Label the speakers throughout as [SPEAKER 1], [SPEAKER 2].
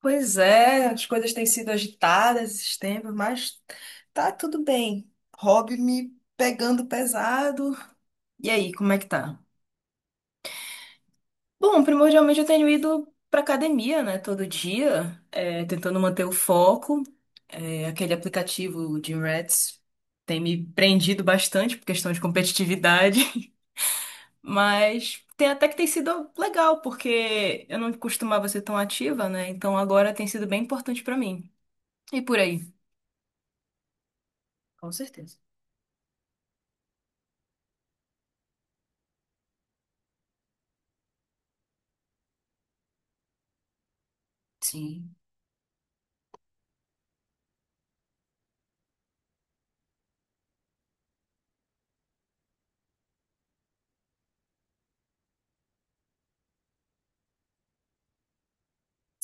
[SPEAKER 1] Pois é, as coisas têm sido agitadas esses tempos, mas tá tudo bem. Hobby me pegando pesado. E aí, como é que tá? Bom, primordialmente eu tenho ido pra academia, né, todo dia, tentando manter o foco. Aquele aplicativo, o Gym Rats, tem me prendido bastante por questão de competitividade, mas tem até que tem sido legal, porque eu não costumava ser tão ativa, né? Então agora tem sido bem importante pra mim. E por aí? Com certeza. Sim,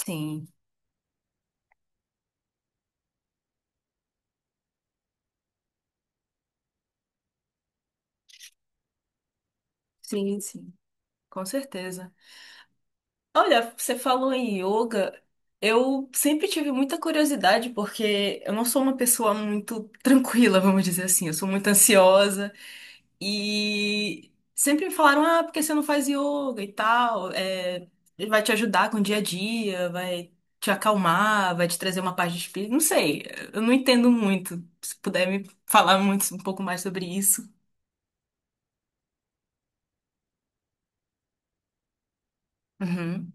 [SPEAKER 1] sim, sim, sim, com certeza. Olha, você falou em yoga. Eu sempre tive muita curiosidade, porque eu não sou uma pessoa muito tranquila, vamos dizer assim. Eu sou muito ansiosa. E sempre me falaram, ah, porque você não faz yoga e tal? Vai te ajudar com o dia a dia, vai te acalmar, vai te trazer uma paz de espírito. Não sei, eu não entendo muito. Se puder me falar muito, um pouco mais sobre isso. Uhum,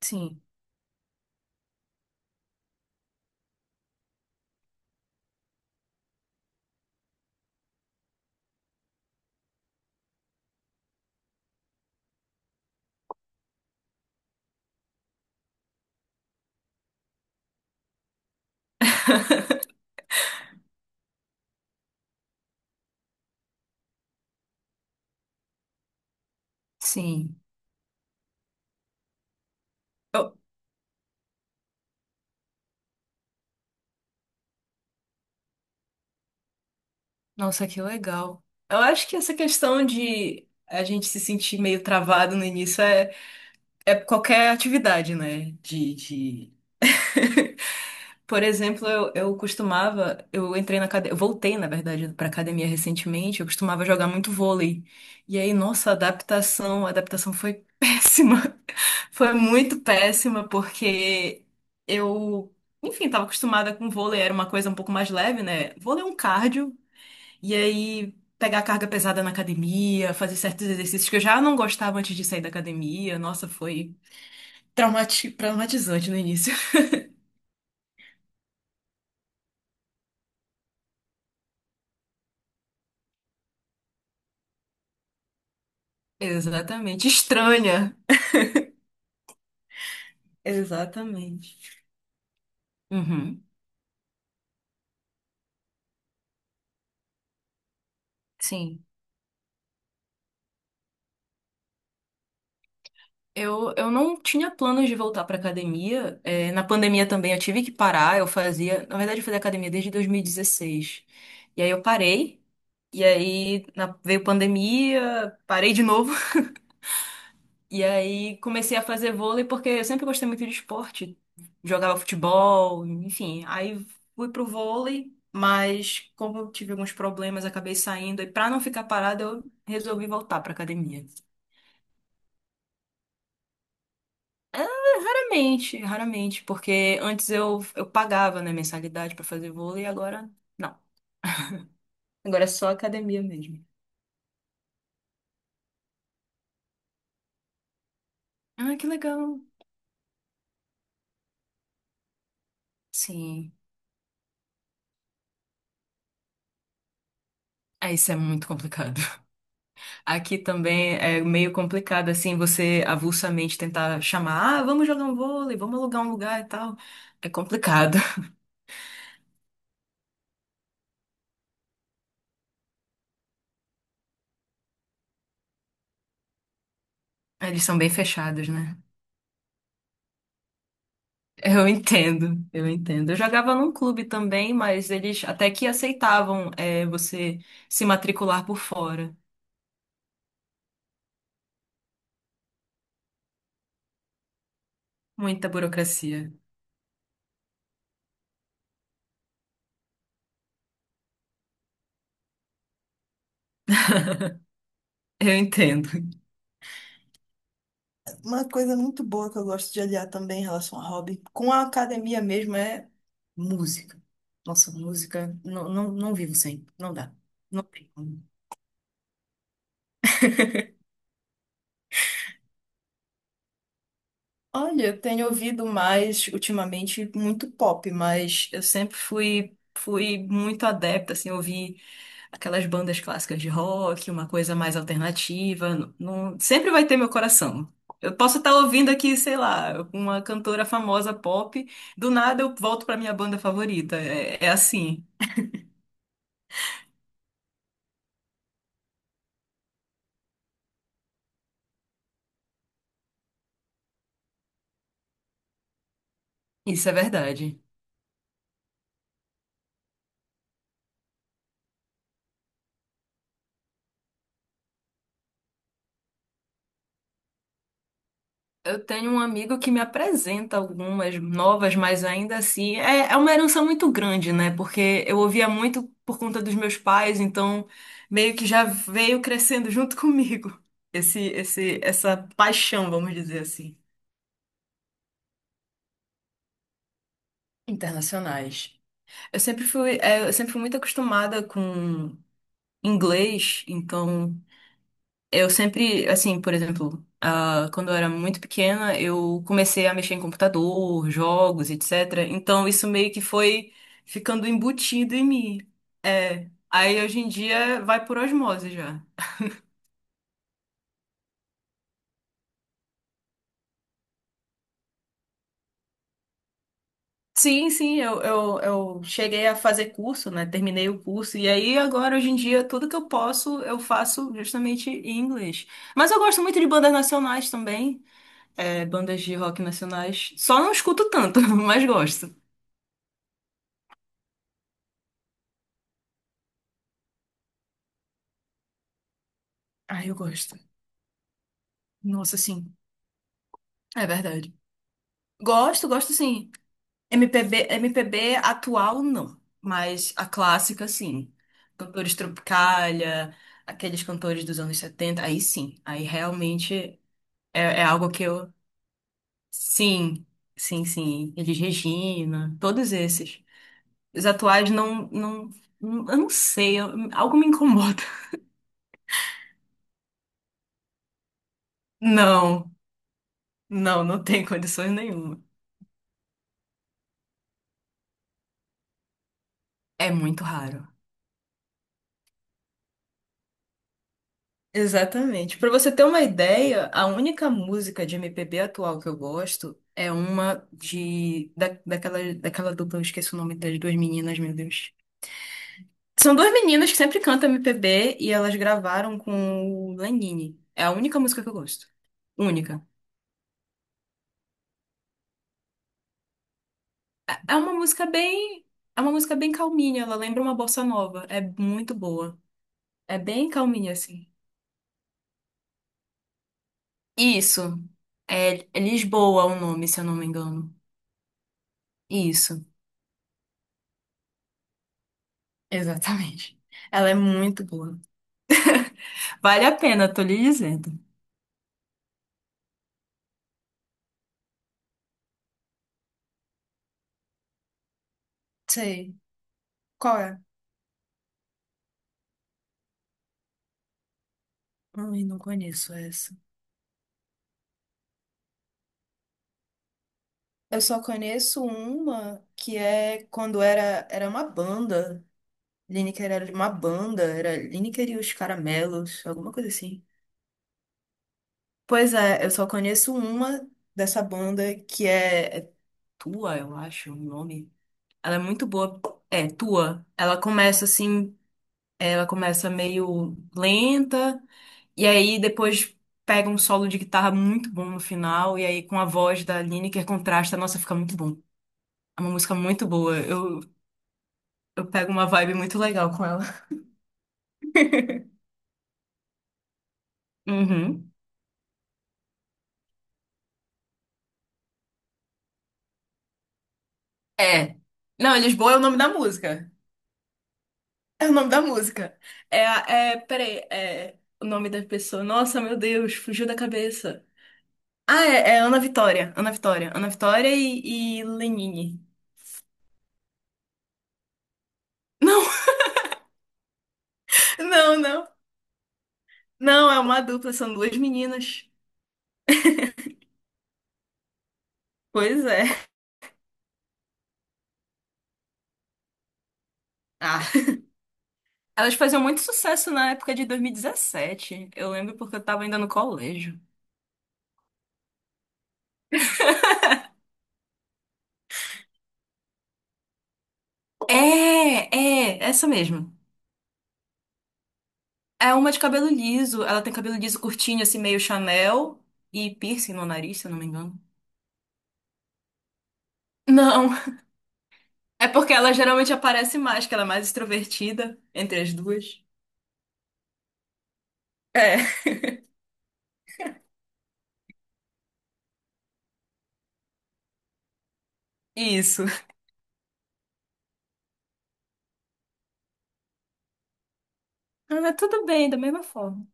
[SPEAKER 1] sim, sim. Nossa, que legal. Eu acho que essa questão de a gente se sentir meio travado no início é qualquer atividade, né? Por exemplo, eu costumava, eu entrei na academia, voltei, na verdade, pra academia recentemente, eu costumava jogar muito vôlei. E aí, nossa, a adaptação foi péssima. Foi muito péssima, porque eu, enfim, estava acostumada com vôlei, era uma coisa um pouco mais leve, né? Vôlei é um cardio, e aí pegar carga pesada na academia, fazer certos exercícios que eu já não gostava antes de sair da academia. Nossa, foi traumatizante no início. Exatamente. Estranha. Exatamente. Uhum. Sim. Eu não tinha planos de voltar pra academia. Na pandemia também eu tive que parar. Eu fazia, na verdade, eu fazia academia desde 2016. E aí eu parei. E aí veio pandemia, parei de novo. E aí comecei a fazer vôlei porque eu sempre gostei muito de esporte. Jogava futebol, enfim. Aí fui pro vôlei, mas como eu tive alguns problemas, acabei saindo. E pra não ficar parada, eu resolvi voltar pra academia. Raramente, raramente, porque antes eu pagava, né, mensalidade pra fazer vôlei e agora não. Agora é só academia mesmo. Ah, que legal. Sim. Ah, isso é muito complicado. Aqui também é meio complicado, assim, você avulsamente tentar chamar, ah, vamos jogar um vôlei, vamos alugar um lugar e tal. É complicado. Eles são bem fechados, né? Eu entendo, eu entendo. Eu jogava num clube também, mas eles até que aceitavam, você se matricular por fora. Muita burocracia. Eu entendo. Uma coisa muito boa que eu gosto de aliar também em relação a hobby, com a academia mesmo, é música. Nossa, música, não, não, não vivo sem, não dá. Não tem. Olha, eu tenho ouvido mais ultimamente muito pop, mas eu sempre fui muito adepta, assim, ouvi aquelas bandas clássicas de rock, uma coisa mais alternativa, sempre vai ter meu coração. Eu posso estar ouvindo aqui, sei lá, uma cantora famosa pop, do nada eu volto para minha banda favorita. É assim. Isso é verdade. Eu tenho um amigo que me apresenta algumas novas, mas ainda assim é uma herança muito grande, né? Porque eu ouvia muito por conta dos meus pais, então meio que já veio crescendo junto comigo essa paixão, vamos dizer assim, internacionais. Eu sempre fui muito acostumada com inglês, então eu sempre, assim, por exemplo, ah, quando eu era muito pequena, eu comecei a mexer em computador, jogos, etc. Então isso meio que foi ficando embutido em mim. É. Aí hoje em dia vai por osmose já. Sim, sim, eu cheguei a fazer curso, né? Terminei o curso. E aí, agora, hoje em dia, tudo que eu posso, eu faço justamente em inglês. Mas eu gosto muito de bandas nacionais também, bandas de rock nacionais. Só não escuto tanto, mas gosto. Ah, eu gosto. Nossa, sim. É verdade. Gosto, gosto sim. MPB, MPB atual, não. Mas a clássica, sim. Cantores Tropicália, aqueles cantores dos anos 70 aí sim. Aí realmente é algo que eu. Sim, sim, sim. Eles Regina, todos esses. Os atuais não, não, eu não sei, algo me incomoda. Não, não, não tem condições nenhuma. É muito raro. Exatamente. Para você ter uma ideia, a única música de MPB atual que eu gosto é uma de da, daquela daquela dupla, eu esqueci o nome das duas meninas, meu Deus. São duas meninas que sempre cantam MPB e elas gravaram com o Lenine. É a única música que eu gosto. Única. É é uma música bem é uma música bem calminha, ela lembra uma bossa nova, é muito boa. É bem calminha assim. Isso. É Lisboa o nome, se eu não me engano. Isso. Exatamente. Ela é muito boa. Vale a pena, tô lhe dizendo. Sei. Qual é? Ai, não conheço essa. Eu só conheço uma que é quando era uma banda. Lineker era uma banda, era Lineker e os Caramelos, alguma coisa assim. Pois é, eu só conheço uma dessa banda que é Tua, eu acho, o nome. Ela é muito boa. É, Tua. Ela começa assim. Ela começa meio lenta, e aí depois pega um solo de guitarra muito bom no final, e aí com a voz da Lineker contrasta, nossa, fica muito bom. É uma música muito boa. Eu pego uma vibe muito legal com ela. Uhum. É. Não, Lisboa é o nome da música. É o nome da música. É, peraí, é o nome da pessoa. Nossa, meu Deus, fugiu da cabeça. Ah, é Ana Vitória. Ana Vitória. Ana Vitória e Lenine. Não, não, não. Não, é uma dupla, são duas meninas. Pois é. Ah, elas faziam muito sucesso na época de 2017. Eu lembro porque eu tava ainda no colégio. É, Essa mesmo. É uma de cabelo liso. Ela tem cabelo liso curtinho, assim, meio Chanel. E piercing no nariz, se eu não me engano. Não, é porque ela geralmente aparece mais, que ela é mais extrovertida entre as duas. É, isso. Ah, tudo bem, da mesma forma.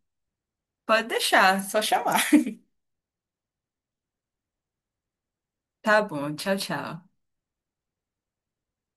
[SPEAKER 1] Pode deixar, só chamar. Tá bom, tchau, tchau.